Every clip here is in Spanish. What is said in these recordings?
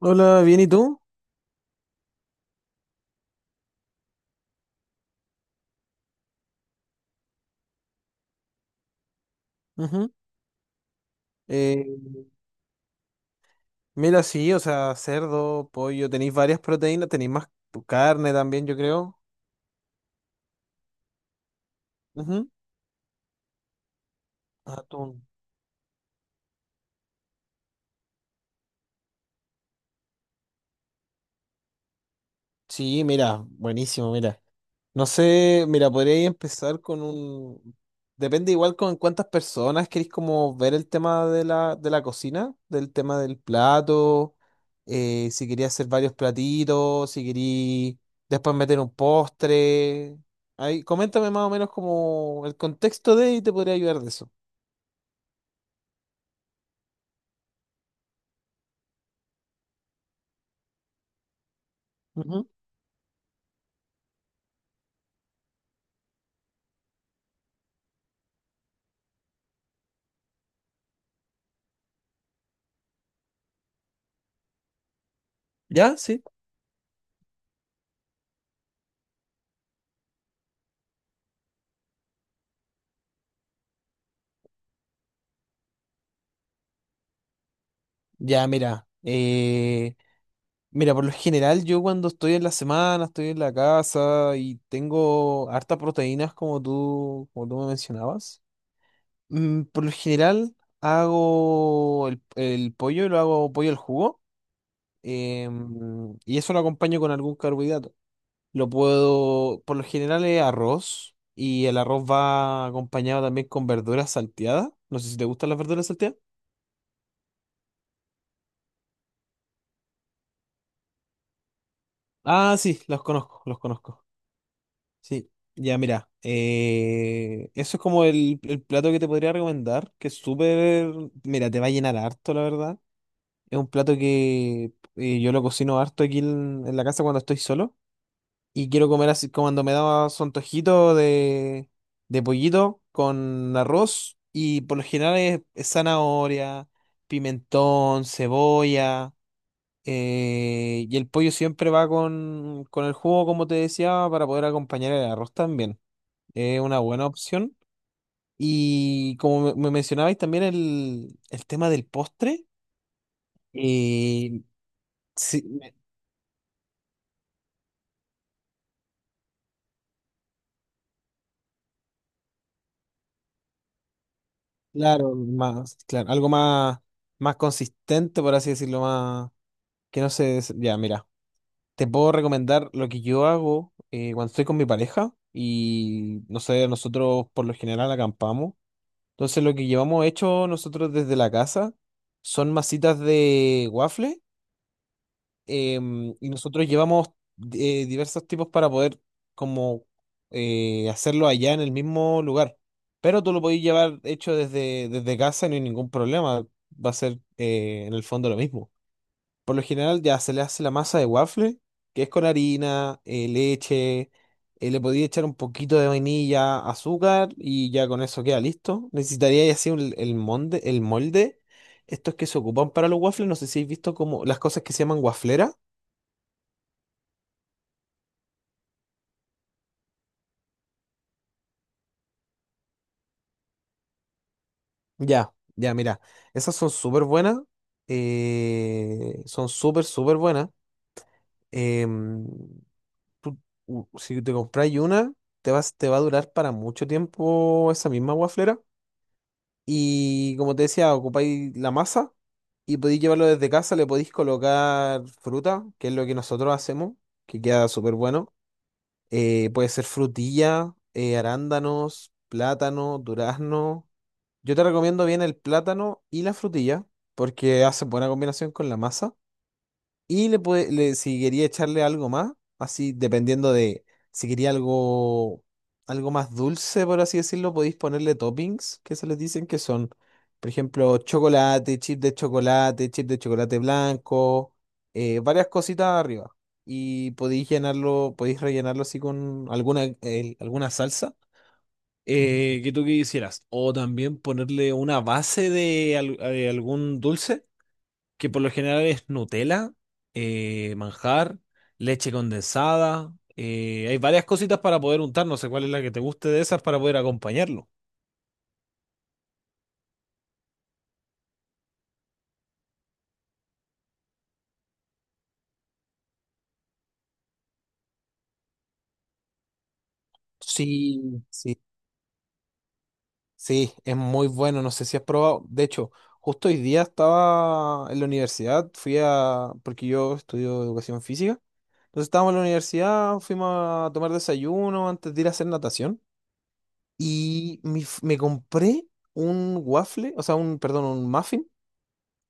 Hola, bien, ¿y tú? Ujú. Eh, Mira, sí, o sea, cerdo, pollo, tenéis varias proteínas, tenéis más tu carne también, yo creo. Ujú. Atún. Sí, mira, buenísimo, mira. No sé, mira, podría empezar con un... Depende igual con cuántas personas queréis como ver el tema de la cocina, del tema del plato, si quería hacer varios platitos, si quería después meter un postre. Ahí, coméntame más o menos como el contexto de y te podría ayudar de eso. Ujú. ¿Ya? Sí. Ya, mira, eh, Mira, por lo general yo cuando estoy en la semana, estoy en la casa y tengo hartas proteínas como tú me mencionabas, por lo general hago el pollo, lo hago pollo al jugo, y eso lo acompaño con algún carbohidrato. Lo puedo, por lo general es arroz y el arroz va acompañado también con verduras salteadas. No sé si te gustan las verduras salteadas. Ah, sí, los conozco, los conozco. Sí, ya mira, eso es como el plato que te podría recomendar, que es súper, mira, te va a llenar harto, la verdad. Es un plato que yo lo cocino harto aquí en la casa cuando estoy solo y quiero comer así como cuando me da su antojito de pollito con arroz, y por lo general es zanahoria, pimentón, cebolla. Y el pollo siempre va con el jugo, como te decía, para poder acompañar el arroz también. Es una buena opción. Y como me mencionabais también el tema del postre, eh, sí, me- claro, más, claro, algo más, más consistente, por así decirlo, más que no sé des- Ya, mira, te puedo recomendar lo que yo hago cuando estoy con mi pareja y, no sé, nosotros por lo general acampamos. Entonces lo que llevamos hecho nosotros desde la casa son masitas de waffle, y nosotros llevamos diversos tipos para poder como hacerlo allá en el mismo lugar. Pero tú lo podés llevar hecho desde, desde casa y no hay ningún problema. Va a ser en el fondo lo mismo. Por lo general ya se le hace la masa de waffle, que es con harina, leche, le podía echar un poquito de vainilla, azúcar, y ya con eso queda listo. Necesitaría ya así el molde, el molde. Estos que se ocupan para los waffles, no sé si habéis visto como las cosas que se llaman wafleras. Ya, ya, mira, esas son súper buenas, son súper, súper buenas. em, tú- si te compras una, te va a durar para mucho tiempo esa misma guaflera. Y como te decía, ocupáis la masa y podéis llevarlo desde casa, le podéis colocar fruta, que es lo que nosotros hacemos, que queda súper bueno. Puede ser frutilla, arándanos, plátano, durazno. Yo te recomiendo bien el plátano y la frutilla porque hace buena combinación con la masa. Si quería echarle algo más, así dependiendo de si quería algo, algo más dulce, por así decirlo, podéis ponerle toppings, que se les dicen, que son, por ejemplo, chocolate, chip de chocolate, chip de chocolate blanco, varias cositas arriba. Y podéis llenarlo, podéis rellenarlo así con alguna salsa que tú quisieras. O también ponerle una base de, de algún dulce que por lo general es Nutella, manjar, leche condensada. Hay varias cositas para poder untar, no sé cuál es la que te guste de esas para poder acompañarlo. Sí, sí, sí, es muy bueno, no sé si has probado. De hecho, justo hoy día estaba en la universidad, fui a, porque yo estudio educación física, entonces estábamos en la universidad, fuimos a tomar desayuno antes de ir a hacer natación y me compré un waffle, o sea, un, perdón, un muffin,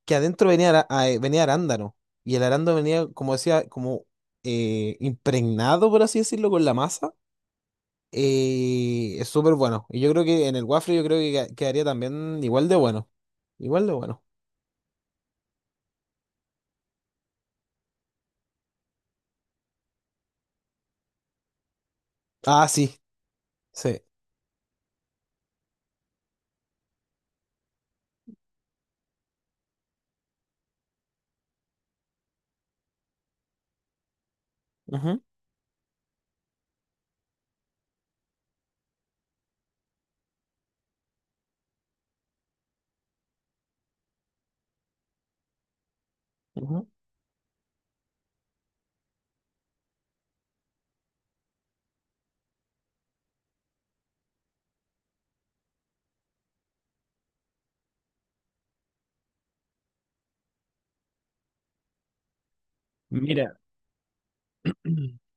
que adentro venía, venía arándano. Y el arándano venía, como decía, como impregnado, por así decirlo, con la masa. Es súper bueno. Y yo creo que en el waffle yo creo que quedaría también igual de bueno. Igual de bueno. Ah, sí. Sí. Ujú, ujú. Mira.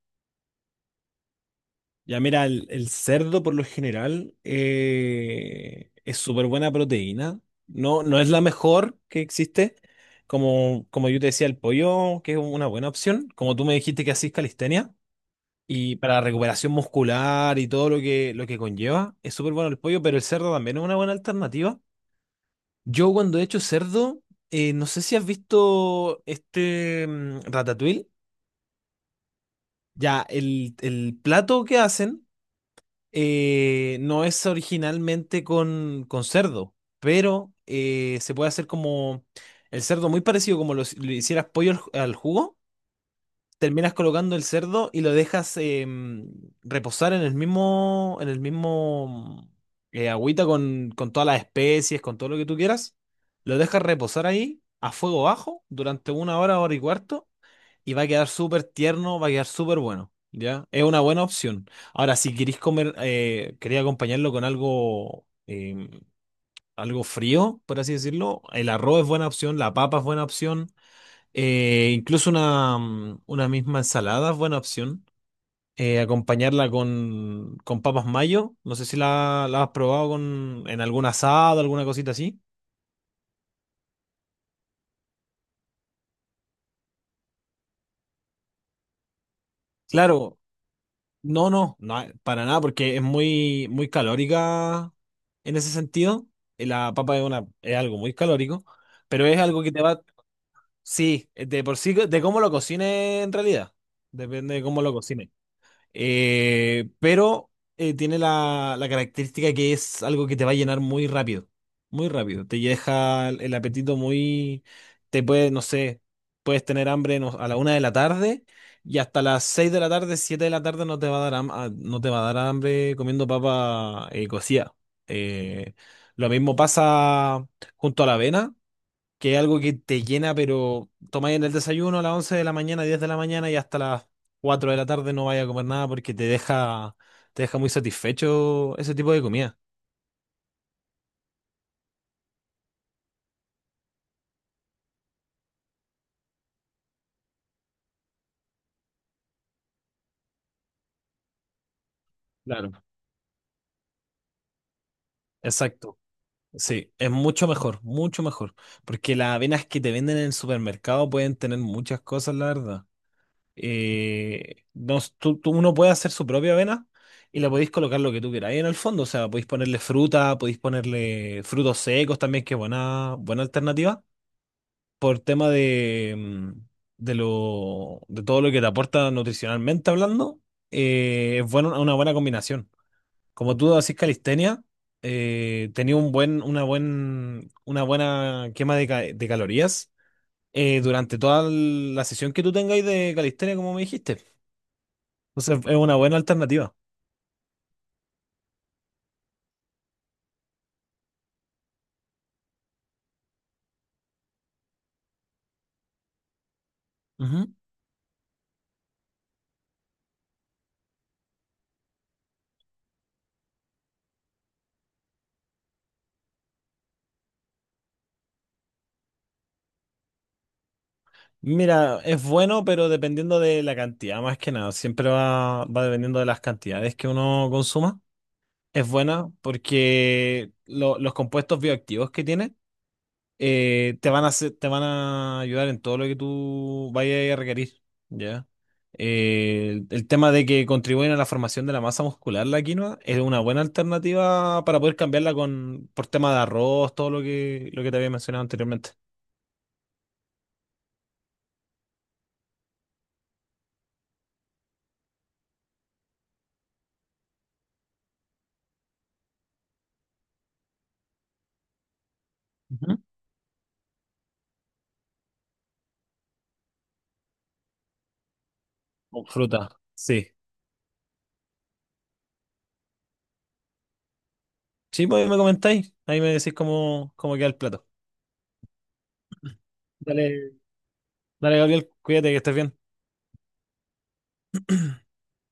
Ya mira, el cerdo por lo general es súper buena proteína. No, no es la mejor que existe. Como, como yo te decía, el pollo, que es una buena opción. Como tú me dijiste que hacís calistenia. Y para la recuperación muscular y todo lo que conlleva, es súper bueno el pollo, pero el cerdo también es una buena alternativa. Yo cuando he hecho cerdo, no sé si has visto este ratatouille. Ya, el plato que hacen no es originalmente con cerdo, pero se puede hacer como el cerdo muy parecido como lo hicieras pollo al jugo. Terminas colocando el cerdo y lo dejas reposar en el mismo agüita con todas las especies, con todo lo que tú quieras. Lo dejas reposar ahí a fuego bajo durante una hora, hora y cuarto, y va a quedar súper tierno, va a quedar súper bueno, ¿ya? Es una buena opción. Ahora, si queréis comer, quería acompañarlo con algo, algo frío, por así decirlo, el arroz es buena opción, la papa es buena opción, incluso una, una misma ensalada es buena opción. Acompañarla con papas mayo, no sé si la has probado con, en algún asado, alguna cosita así. Claro, no, no, no, para nada, porque es muy, muy calórica en ese sentido. La papa es una, es algo muy calórico, pero es algo que te va, sí, de por sí, de cómo lo cocines en realidad. Depende de cómo lo cocines. Eh, pero Tiene la, la característica que es algo que te va a llenar muy rápido, muy rápido. Te deja el apetito muy, te puede, no sé, puedes tener hambre a la una de la tarde y hasta las seis de la tarde, siete de la tarde no te va a dar, no te va a dar hambre comiendo papa cocida. Eh, lo mismo pasa junto a la avena, que es algo que te llena, pero tomáis en el desayuno a las 11 de la mañana, 10 de la mañana, y hasta las 4 de la tarde no vaya a comer nada, porque te deja muy satisfecho ese tipo de comida. Claro. Exacto. Sí, es mucho mejor, mucho mejor. Porque las avenas que te venden en el supermercado pueden tener muchas cosas, la verdad. No, tú, tú- Uno puede hacer su propia avena y la podéis colocar lo que tú queráis en el fondo. O sea, podéis ponerle fruta, podéis ponerle frutos secos también, que es buena, buena alternativa. Por tema de, de lo, de todo lo que te aporta nutricionalmente hablando, es bueno, una buena combinación. Como tú haces calistenia, tenía un buen, una buena quema de, de calorías durante toda la sesión que tú tengáis de calistenia, como me dijiste. Entonces es una buena alternativa. Ujú. Mira, es bueno, pero dependiendo de la cantidad, más que nada, siempre va, va dependiendo de las cantidades que uno consuma. Es buena porque los compuestos bioactivos que tiene te van a te van a ayudar en todo lo que tú vayas a requerir, ¿ya? El tema de que contribuyen a la formación de la masa muscular, la quinoa, es una buena alternativa para poder cambiarla con, por tema de arroz, todo lo que te había mencionado anteriormente. Ujú. O fruta, sí. Sí, pues ahí me comentáis, ahí me decís cómo, cómo queda el plato. Dale, dale, Gabriel, cuídate, que estés bien.